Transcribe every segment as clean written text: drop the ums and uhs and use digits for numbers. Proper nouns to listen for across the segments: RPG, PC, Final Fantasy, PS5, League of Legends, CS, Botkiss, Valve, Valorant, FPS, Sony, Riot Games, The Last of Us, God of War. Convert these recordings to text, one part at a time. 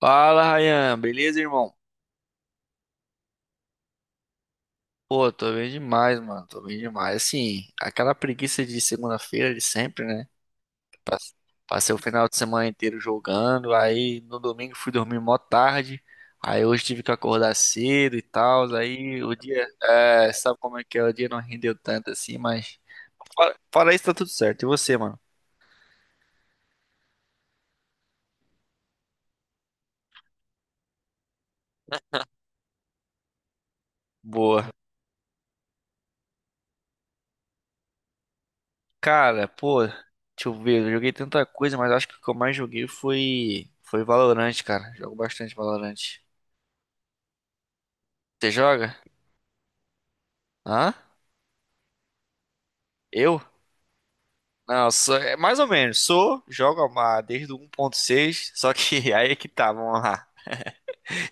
Fala, Ryan. Beleza, irmão? Pô, tô bem demais, mano. Tô bem demais. Assim, aquela preguiça de segunda-feira de sempre, né? Pass- Passei o final de semana inteiro jogando. Aí no domingo fui dormir mó tarde. Aí hoje tive que acordar cedo e tal. Aí o dia. É, sabe como é que é? O dia não rendeu tanto assim, mas. Fora isso, tá tudo certo. E você, mano? Boa. Cara, pô, deixa eu ver. Eu joguei tanta coisa, mas acho que o que eu mais joguei foi. Foi Valorant, cara. Jogo bastante Valorant. Você joga? Hã? Eu? Não, sou, é mais ou menos. Sou, desde o 1.6, só que aí é que tá, vamos lá.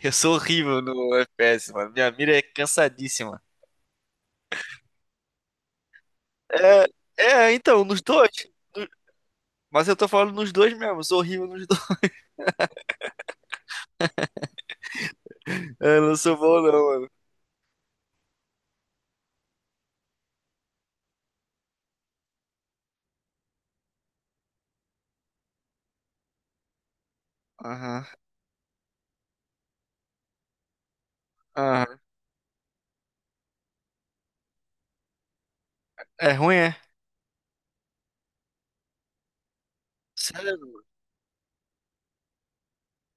Eu sou horrível no FPS, mano. Minha mira é cansadíssima. É, então, nos dois. Mas eu tô falando nos dois mesmo, eu sou horrível nos dois. Eu não sou bom não, mano. Aham, aham. É ruim, é? Sério, mano?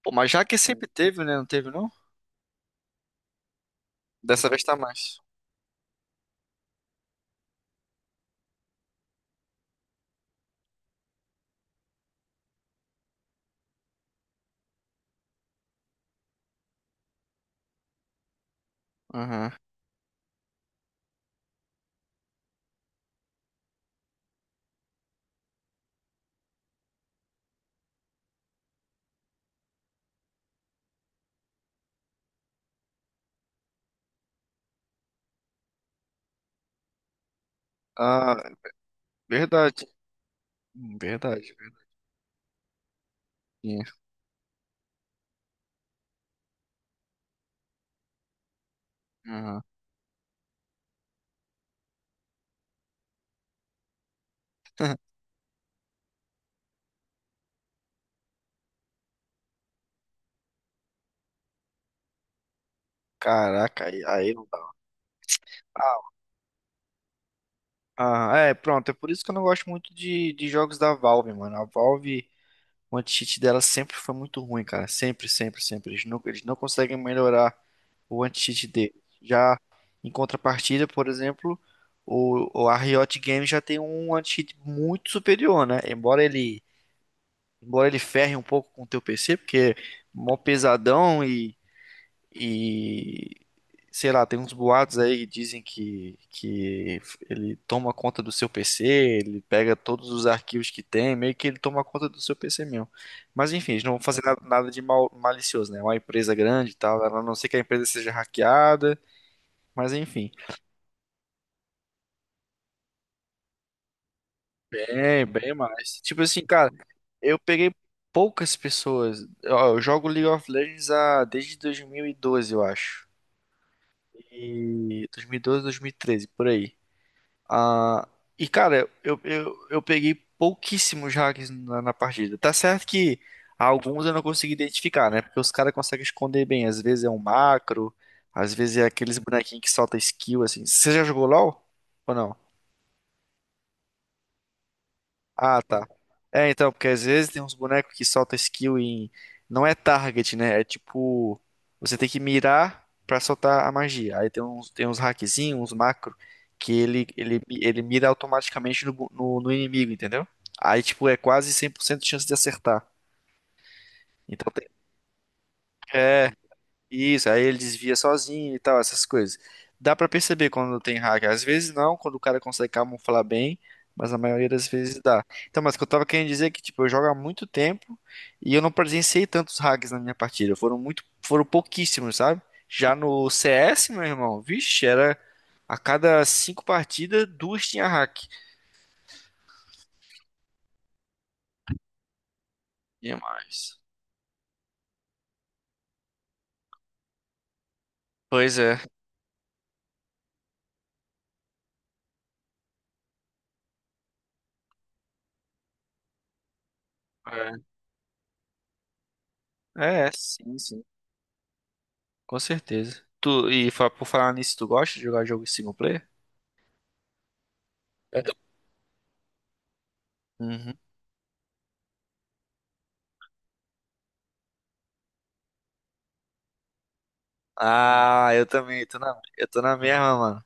Pô, mas já que sempre teve, né? Não teve, não? Dessa vez tá mais. Aham. Ah, verdade. Verdade. É. Aham. Caraca, aí não dá. Ah, Ah, é, pronto. É por isso que eu não gosto muito de jogos da Valve, mano. A Valve, o anti-cheat dela sempre foi muito ruim, cara. Sempre, sempre, sempre. Eles não conseguem melhorar o anti-cheat deles. Já em contrapartida, por exemplo, o, a Riot Games já tem um anti-cheat muito superior, né? Embora ele ferre um pouco com o teu PC, porque é mó pesadão e sei lá, tem uns boatos aí que dizem que ele toma conta do seu PC, ele pega todos os arquivos que tem, meio que ele toma conta do seu PC mesmo. Mas enfim, eles não vão fazer nada, nada de mal, malicioso, né? É uma empresa grande e tal, a não ser que a empresa seja hackeada, mas enfim. É, bem mais. Tipo assim, cara, eu peguei poucas pessoas. Ó, eu jogo League of Legends há, desde 2012, eu acho. E 2012, 2013, por aí. Ah, e cara, eu peguei pouquíssimos hacks na partida. Tá certo que alguns eu não consegui identificar, né? Porque os caras conseguem esconder bem. Às vezes é um macro, às vezes é aqueles bonequinhos que solta skill, assim. Você já jogou LoL? Ou não? Ah, tá. É, então, porque às vezes tem uns bonecos que soltam skill em. Não é target, né? É tipo. Você tem que mirar pra soltar a magia. Aí tem uns hackzinhos, uns macro, que ele mira automaticamente no, no inimigo, entendeu? Aí, tipo, é quase 100% de chance de acertar. Então tem. É, isso, aí ele desvia sozinho e tal, essas coisas. Dá pra perceber quando tem hack. Às vezes não, quando o cara consegue camuflar bem, mas a maioria das vezes dá. Então, mas o que eu tava querendo dizer é que, tipo, eu jogo há muito tempo e eu não presenciei tantos hacks na minha partida. Foram muito, foram pouquíssimos, sabe? Já no CS, meu irmão, vixe, era a cada cinco partidas, duas tinha hack. Demais. Pois é. É, é, sim, com certeza. Tu, e por falar nisso, tu gosta de jogar jogo single player? Ah, eu também, eu tô na mesma, mano.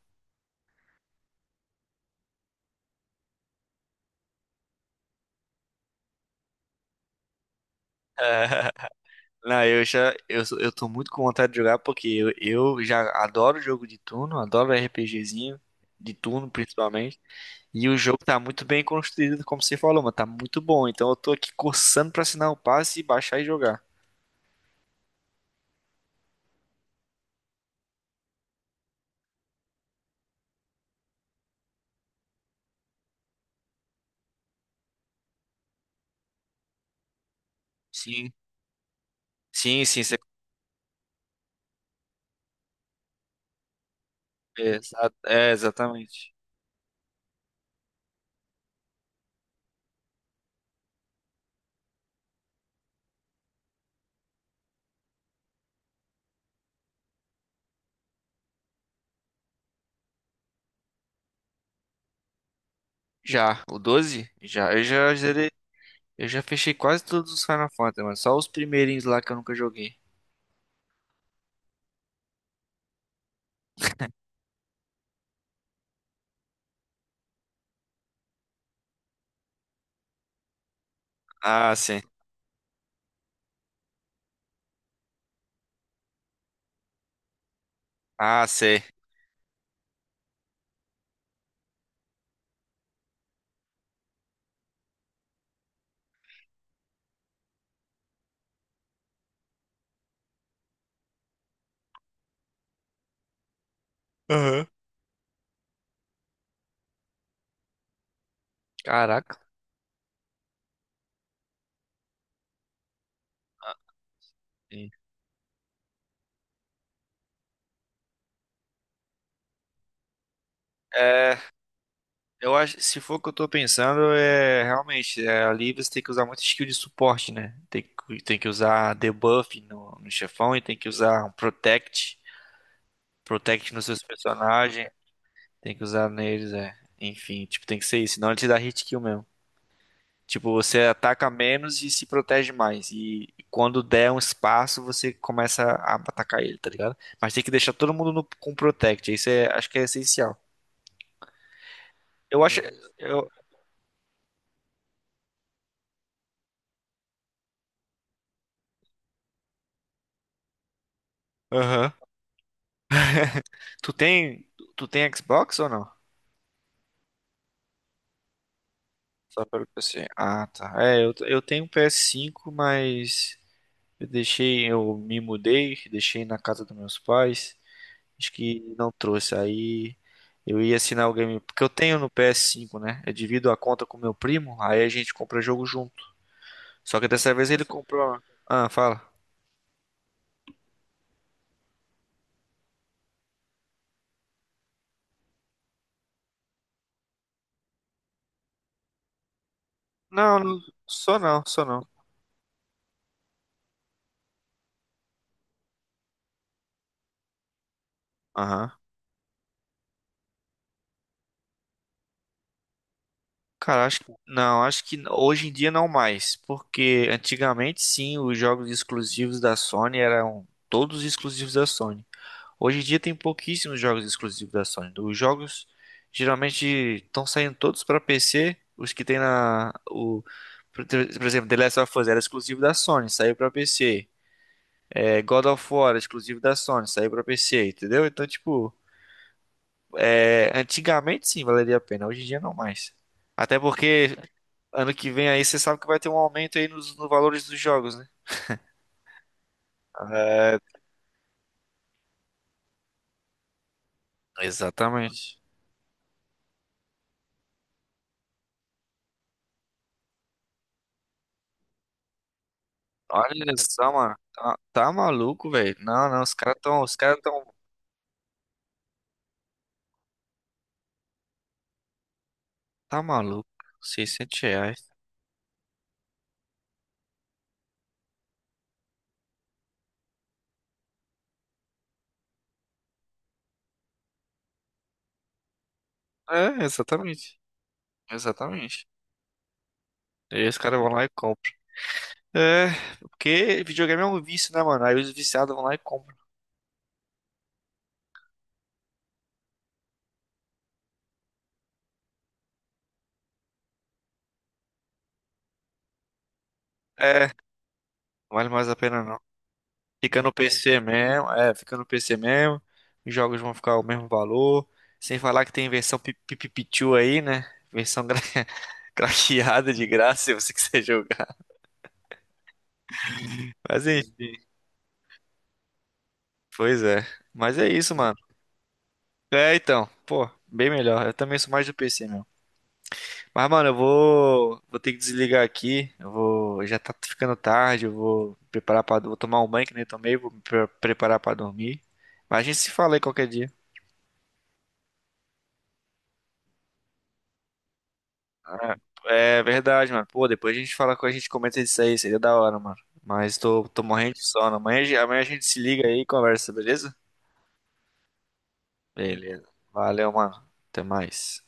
Não, eu já, eu, eu tô muito com vontade de jogar porque eu, já adoro jogo de turno, adoro RPGzinho, de turno principalmente. E o jogo tá muito bem construído, como você falou, mano, tá muito bom. Então eu tô aqui coçando pra assinar o passe e baixar e jogar. Sim, sim, você, é, exatamente. Já, o 12? Já, eu já zerei, eu já fechei quase todos os Final Fantasy, mano, só os primeirinhos lá que eu nunca joguei. Ah, sim. Ah, sei. Aham. Caraca. Ah, sim. É, eu acho, se for o que eu tô pensando, é realmente, é, ali você tem que usar muito skill de suporte, né? Tem que usar debuff no chefão e tem que usar um protect, protect nos seus personagens, tem que usar neles, é. Enfim, tipo, tem que ser isso, senão ele te dá hit kill mesmo. Tipo, você ataca menos e se protege mais. E quando der um espaço, você começa a atacar ele, tá ligado? Mas tem que deixar todo mundo com protect. Isso é, acho que é essencial. Eu acho. Eu... Aham. Tu tem. Tu tem Xbox ou não? Só pelo PC. Ah, tá. É, eu tenho um PS5, mas eu deixei. Eu me mudei, deixei na casa dos meus pais. Acho que não trouxe. Aí eu ia assinar o game. Porque eu tenho no PS5, né? Eu divido a conta com meu primo, aí a gente compra jogo junto. Só que dessa vez ele comprou. Ah, fala. Não, só não, só não. Aham. Cara, acho que não, acho que hoje em dia não mais, porque antigamente sim, os jogos exclusivos da Sony eram todos exclusivos da Sony. Hoje em dia tem pouquíssimos jogos exclusivos da Sony. Os jogos geralmente estão saindo todos para PC, os que tem na o por exemplo, The Last of Us era exclusivo da Sony, saiu para PC. É, God of War era exclusivo da Sony, saiu para PC, entendeu? Então, tipo, é, antigamente sim valeria a pena, hoje em dia não mais. Até porque ano que vem aí você sabe que vai ter um aumento aí nos, nos valores dos jogos, né? É, exatamente. Olha só, mano. Tá, tá maluco, velho? Não, não, os caras tão, tá maluco. R$ 600. É, exatamente. Exatamente. E aí os caras vão lá e compram. É, porque videogame é um vício, né, mano? Aí os viciados vão lá e compram. É, não vale mais a pena não. Fica no PC mesmo, é, fica no PC mesmo. Os jogos vão ficar o mesmo valor. Sem falar que tem versão pitiu aí, né? Versão craqueada de graça se você quiser jogar. Mas enfim, pois é. Mas é isso, mano. É, então, pô, bem melhor. Eu também sou mais do PC, meu. Mas, mano, vou ter que desligar aqui. Eu vou, já tá ficando tarde, eu vou me preparar para, vou tomar um banho que nem tomei, vou me preparar pra dormir. Mas a gente se fala aí qualquer dia. É verdade, mano. Pô, depois a gente fala com a gente comenta isso aí, seria da hora, mano. Mas tô, tô morrendo de sono. Amanhã, amanhã a gente se liga aí e conversa, beleza? Beleza. Valeu, mano. Até mais.